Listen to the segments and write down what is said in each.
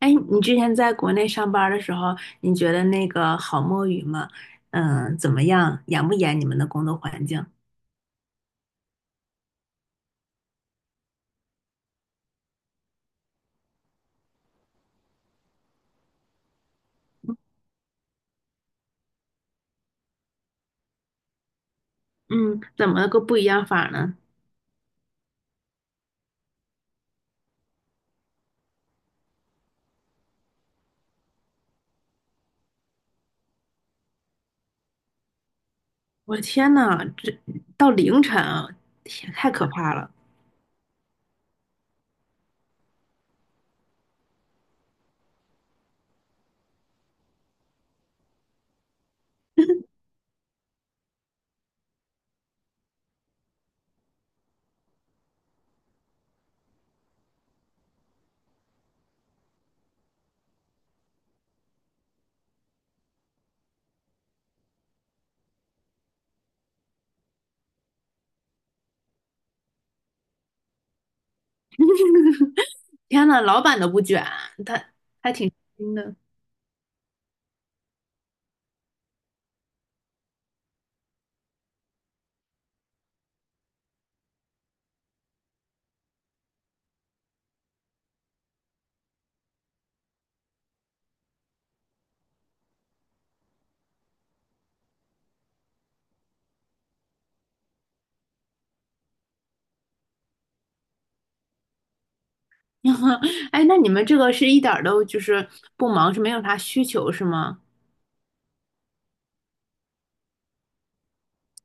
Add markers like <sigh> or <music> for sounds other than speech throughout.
哎，你之前在国内上班儿的时候，你觉得那个好摸鱼吗？嗯，怎么样？严不严？你们的工作环境？嗯，怎么个不一样法呢？我的天呐，这到凌晨啊，天，太可怕了！天呐，老板都不卷，他。还挺轻的。<laughs> 哎，那你们这个是一点儿都就是不忙，是没有啥需求是吗？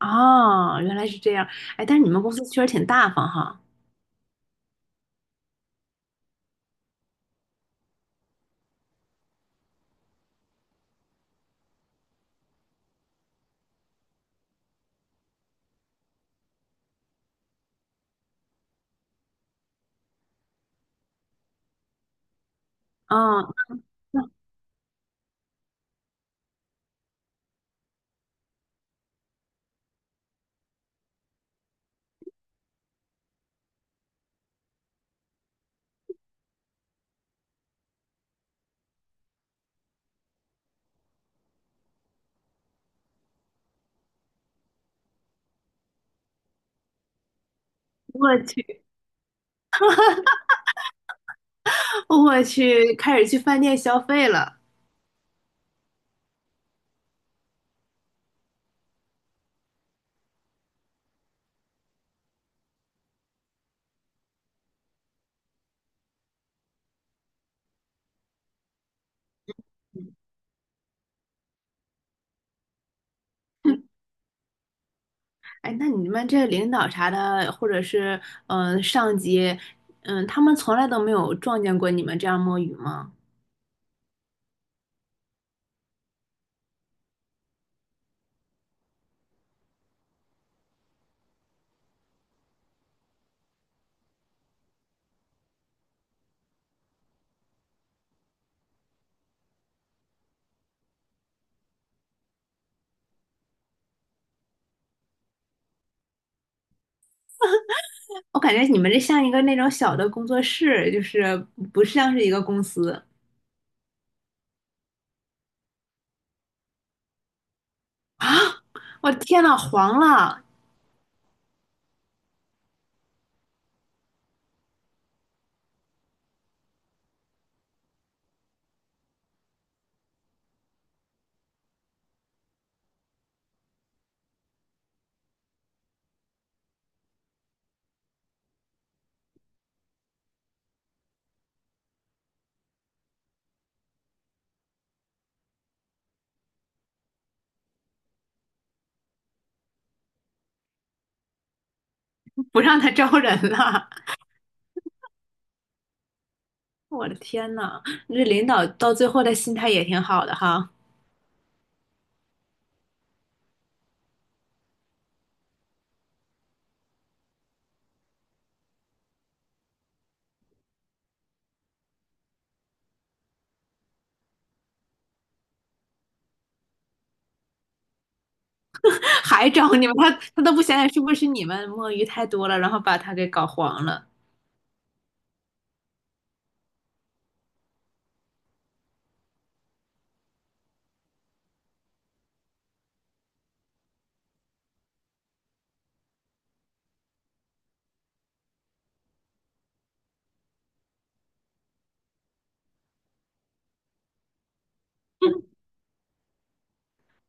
哦，原来是这样。哎，但是你们公司确实挺大方哈。哦，<laughs> 我去，我去，开始去饭店消费了。嗯 <laughs> 哎，那你们这领导啥的，或者是嗯、上级，嗯、他们从来都没有撞见过你们这样摸鱼吗？我感觉你们这像一个那种小的工作室，就是不像是一个公司啊！我的天呐，黄了，不让他招人了。我的天呐，这领导到最后的心态也挺好的哈，<laughs> 还招你们，他都不想想是不是你们摸鱼太多了，然后把他给搞黄了。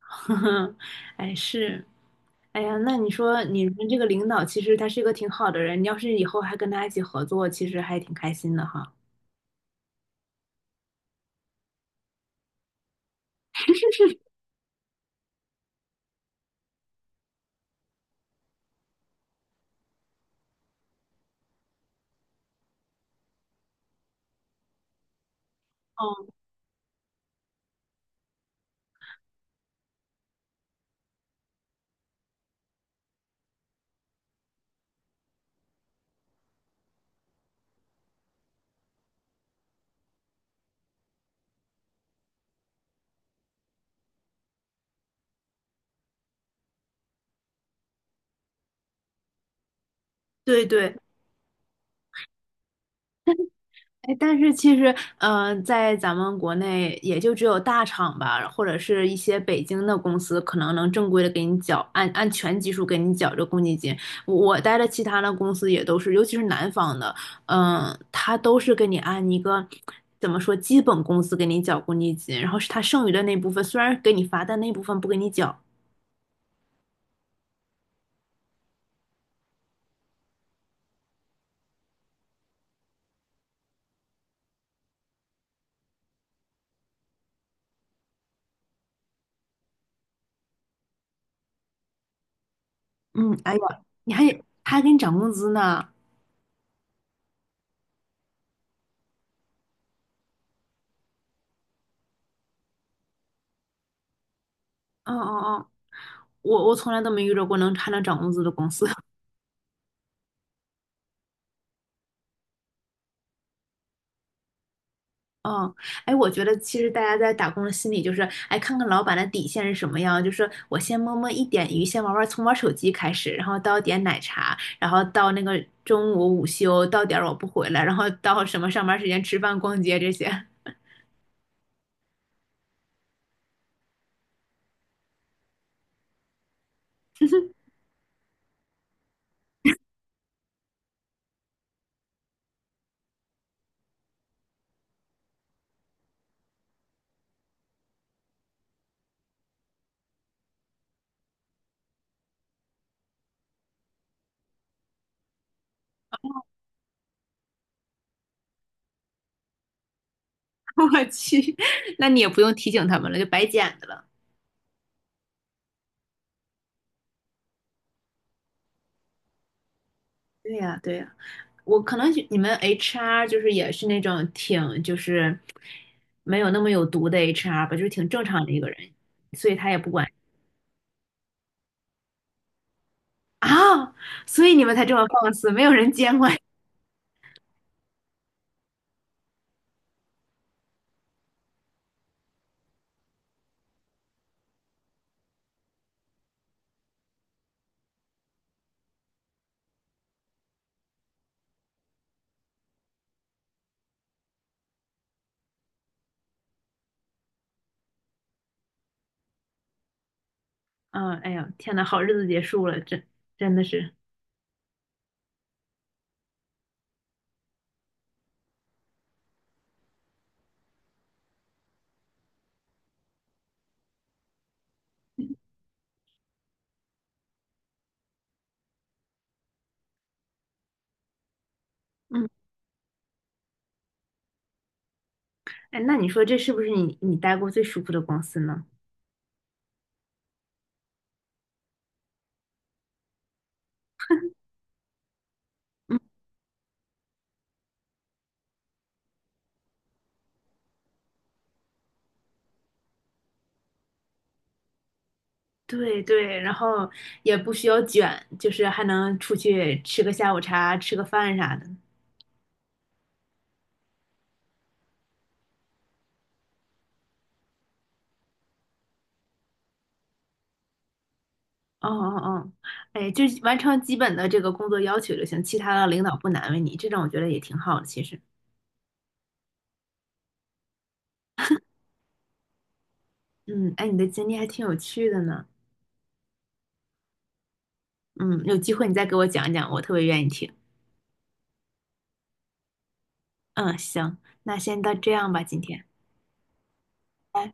<laughs> 呵呵，哎，是，哎呀，那你说你们这个领导其实他是一个挺好的人，你要是以后还跟他一起合作，其实还挺开心的哈。<laughs> 哦，对对，哎，但是其实，嗯、在咱们国内也就只有大厂吧，或者是一些北京的公司，可能能正规的给你缴，按全基数给你缴这个公积金。我待的其他的公司也都是，尤其是南方的，嗯、他都是给你按一个怎么说基本工资给你缴公积金，然后是他剩余的那部分，虽然给你发，但那部分不给你缴。嗯，哎呀，你还他还给你涨工资呢。嗯嗯嗯，我从来都没遇到过能还能涨工资的公司。哦，哎，我觉得其实大家在打工的心理就是，哎，看看老板的底线是什么样，就是我先摸摸一点鱼，先玩玩，从玩手机开始，然后到点奶茶，然后到那个中午午休，到点儿我不回来，然后到什么上班时间吃饭、逛街这些。<laughs> 我去，那你也不用提醒他们了，就白捡的了。对呀，对呀，我可能你们 HR 就是也是那种挺就是没有那么有毒的 HR 吧，就是挺正常的一个人，所以他也不管。啊，所以你们才这么放肆，没有人监管。嗯，哎呀，天呐，好日子结束了，真真的是。嗯哎，那你说这是不是你待过最舒服的公司呢？嗯，对对，然后也不需要卷，就是还能出去吃个下午茶、吃个饭啥的。哦哦哦，哎，就是完成基本的这个工作要求就行，其他的领导不难为你，这种我觉得也挺好的。其实，嗯，哎，你的经历还挺有趣的呢。嗯，有机会你再给我讲一讲，我特别愿意听。嗯，行，那先到这样吧，今天。拜拜。